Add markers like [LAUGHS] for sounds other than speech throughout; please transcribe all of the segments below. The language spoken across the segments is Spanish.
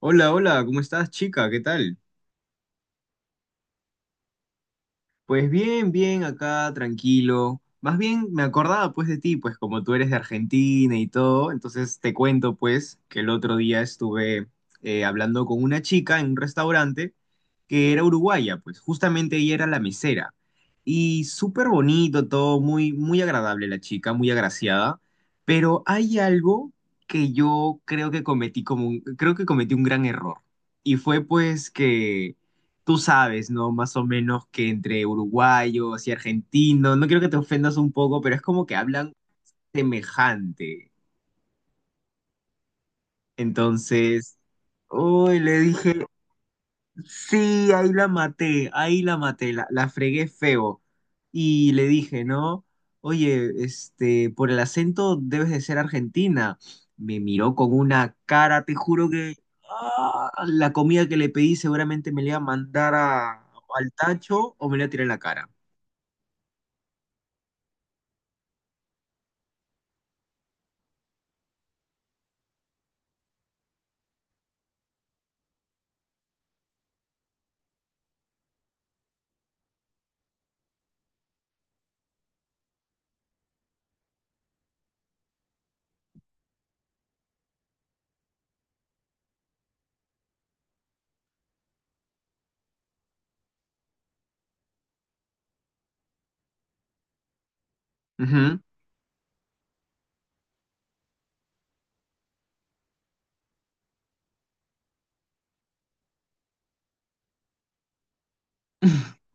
Hola, hola, ¿cómo estás, chica? ¿Qué tal? Pues bien, bien, acá, tranquilo. Más bien me acordaba pues de ti, pues como tú eres de Argentina y todo, entonces te cuento pues que el otro día estuve hablando con una chica en un restaurante que era uruguaya, pues justamente ella era la mesera. Y súper bonito todo, muy, muy agradable la chica, muy agraciada, pero hay algo que yo creo que creo que cometí un gran error. Y fue pues que tú sabes, ¿no? Más o menos que entre uruguayos y argentinos, no quiero que te ofendas un poco, pero es como que hablan semejante. Entonces, uy, le dije, sí, ahí la maté, la fregué feo. Y le dije, ¿no? Oye, este, por el acento debes de ser argentina. Me miró con una cara, te juro que ah, la comida que le pedí seguramente me la iba a al tacho o me la iba a tirar en la cara. Ujú. [LAUGHS]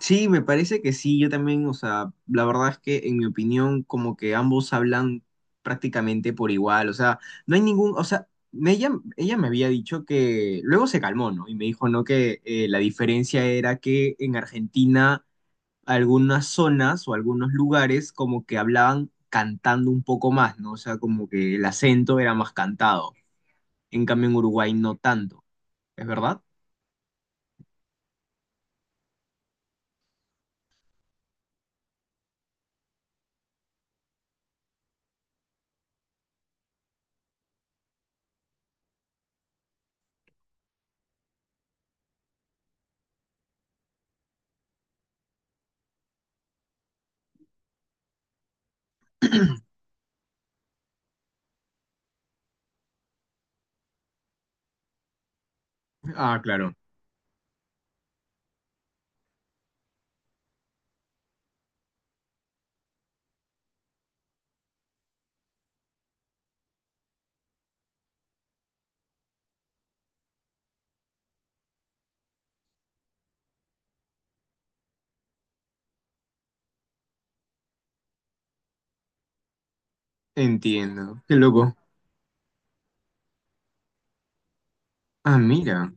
Sí, me parece que sí, yo también, o sea, la verdad es que en mi opinión como que ambos hablan prácticamente por igual, o sea, no hay ningún, o sea, me- ella me había dicho que luego se calmó, ¿no? Y me dijo, ¿no? Que la diferencia era que en Argentina algunas zonas o algunos lugares como que hablaban cantando un poco más, ¿no? O sea, como que el acento era más cantado, en cambio en Uruguay no tanto, ¿es verdad? Ah, claro, entiendo, qué loco. Ah, mira.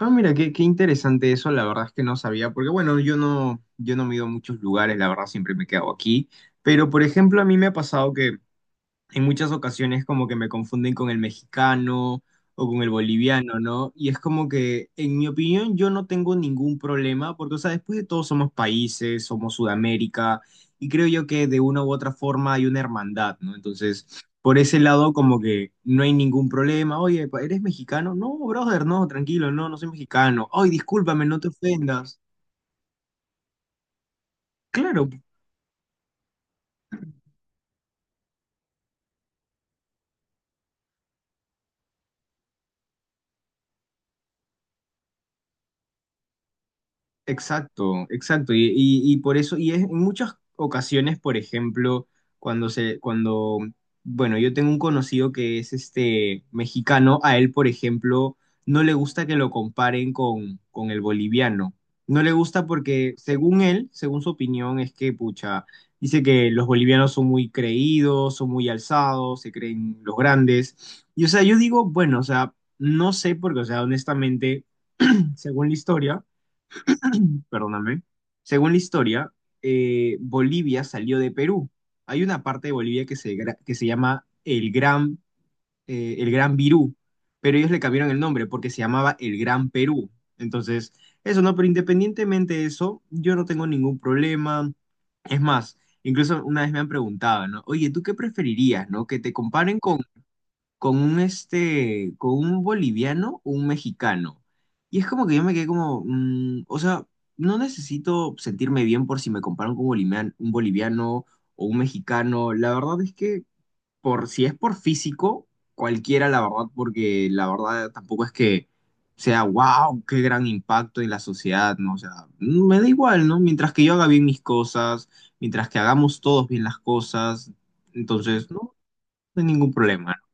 Ah, mira, qué, qué interesante eso, la verdad es que no sabía, porque bueno, yo no me he ido a muchos lugares, la verdad siempre me he quedado aquí, pero por ejemplo a mí me ha pasado que en muchas ocasiones como que me confunden con el mexicano o con el boliviano, ¿no? Y es como que, en mi opinión, yo no tengo ningún problema, porque, o sea, después de todo somos países, somos Sudamérica, y creo yo que de una u otra forma hay una hermandad, ¿no? Entonces, por ese lado como que no hay ningún problema. Oye, ¿eres mexicano? No, brother, no, tranquilo, no, no soy mexicano. Ay, discúlpame, no te ofendas. Claro, exacto, exacto. Y por eso, y es en muchas ocasiones, por ejemplo, cuando se, cuando, bueno, yo tengo un conocido que es este mexicano, a él, por ejemplo, no le gusta que lo comparen con el boliviano. No le gusta porque, según él, según su opinión, es que, pucha, dice que los bolivianos son muy creídos, son muy alzados, se creen los grandes. Y, o sea, yo digo, bueno, o sea, no sé porque, o sea, honestamente, según la historia, perdóname, según la historia, Bolivia salió de Perú. Hay una parte de Bolivia que que se llama el Gran Virú, pero ellos le cambiaron el nombre porque se llamaba el Gran Perú. Entonces, eso no, pero independientemente de eso, yo no tengo ningún problema. Es más, incluso una vez me han preguntado, ¿no? Oye, ¿tú qué preferirías, no? ¿Que te comparen con un este, con un boliviano o un mexicano? Y es como que yo me quedé como, o sea, no necesito sentirme bien por si me comparan con un un boliviano o un mexicano. La verdad es que por si es por físico, cualquiera, la verdad, porque la verdad tampoco es que sea, wow, qué gran impacto en la sociedad, ¿no? O sea, me da igual, ¿no? Mientras que yo haga bien mis cosas, mientras que hagamos todos bien las cosas, entonces, no, no hay ningún problema, ¿no?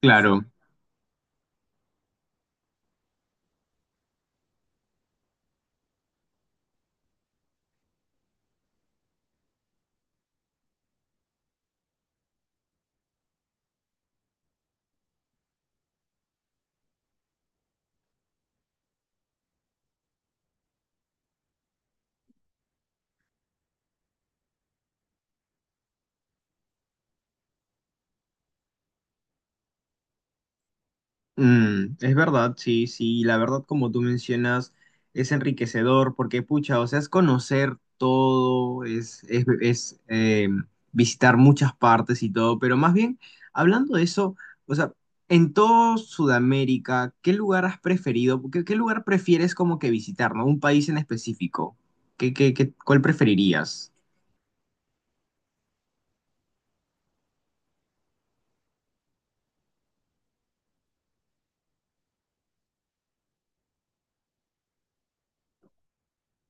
Claro. Mm, es verdad, sí, sí, la verdad como tú mencionas es enriquecedor porque pucha, o sea, es conocer todo, es, visitar muchas partes y todo, pero más bien, hablando de eso, o sea, en todo Sudamérica, ¿qué lugar has preferido? ¿Qué, qué lugar prefieres como que visitar, ¿no? Un país en específico. ¿Cuál preferirías?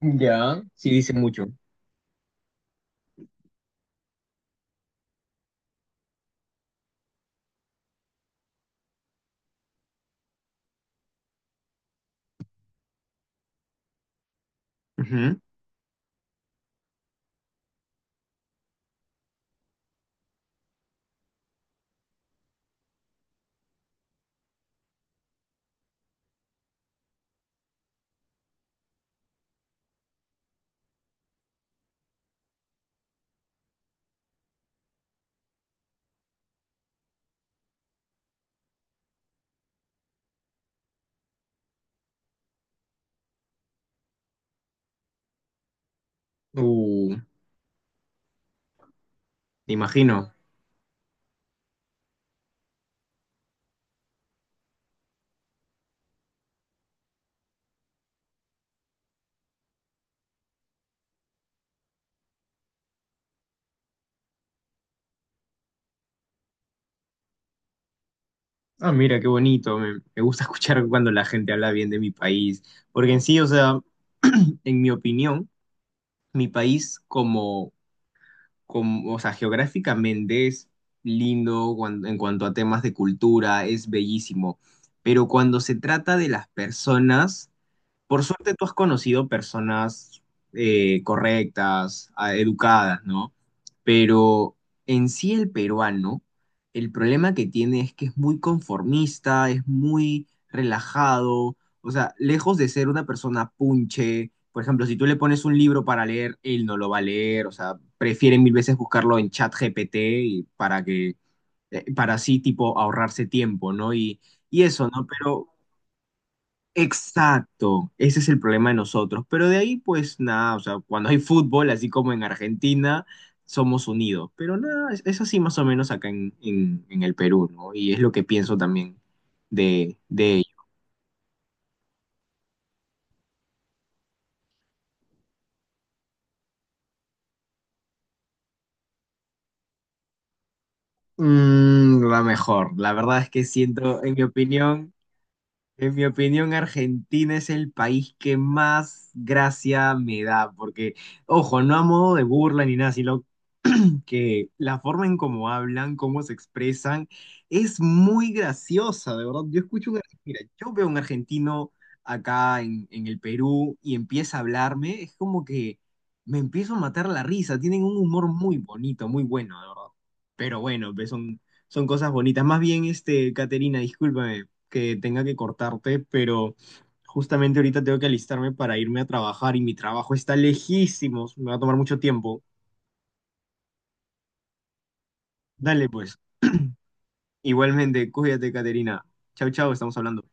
Ya, sí dice mucho. Ujú. Uh, me imagino. Ah, mira, qué bonito. Me gusta [LAUGHS] escuchar cuando la gente habla bien de mi país, porque en sí, o sea, [CLEARS THROAT] en mi opinión, mi país como, como, o sea, geográficamente es lindo en cuanto a temas de cultura, es bellísimo, pero cuando se trata de las personas... Por suerte tú has conocido personas correctas, educadas, ¿no? Pero en sí el peruano, el problema que tiene es que es muy conformista, es muy relajado, o sea, lejos de ser una persona punche, por ejemplo, si tú le pones un libro para leer, él no lo va a leer, o sea, prefiere mil veces buscarlo en ChatGPT y para que para así tipo ahorrarse tiempo, ¿no? Y eso, ¿no? Pero exacto, ese es el problema de nosotros. Pero de ahí, pues nada, o sea, cuando hay fútbol, así como en Argentina, somos unidos. Pero nada, es así más o menos acá en el Perú, ¿no? Y es lo que pienso también de ello. Mm, la mejor, la verdad es que siento, en mi opinión, Argentina es el país que más gracia me da, porque, ojo, no a modo de burla ni nada, sino que la forma en cómo hablan, cómo se expresan, es muy graciosa, de verdad. Yo escucho mira, yo veo un argentino acá en el Perú y empieza a hablarme, es como que me empiezo a matar la risa. Tienen un humor muy bonito, muy bueno, de verdad. Pero bueno, pues son, son cosas bonitas. Más bien, este, Caterina, discúlpame que tenga que cortarte, pero justamente ahorita tengo que alistarme para irme a trabajar y mi trabajo está lejísimos, me va a tomar mucho tiempo. Dale, pues. Igualmente, cuídate, Caterina. Chau, chau, estamos hablando.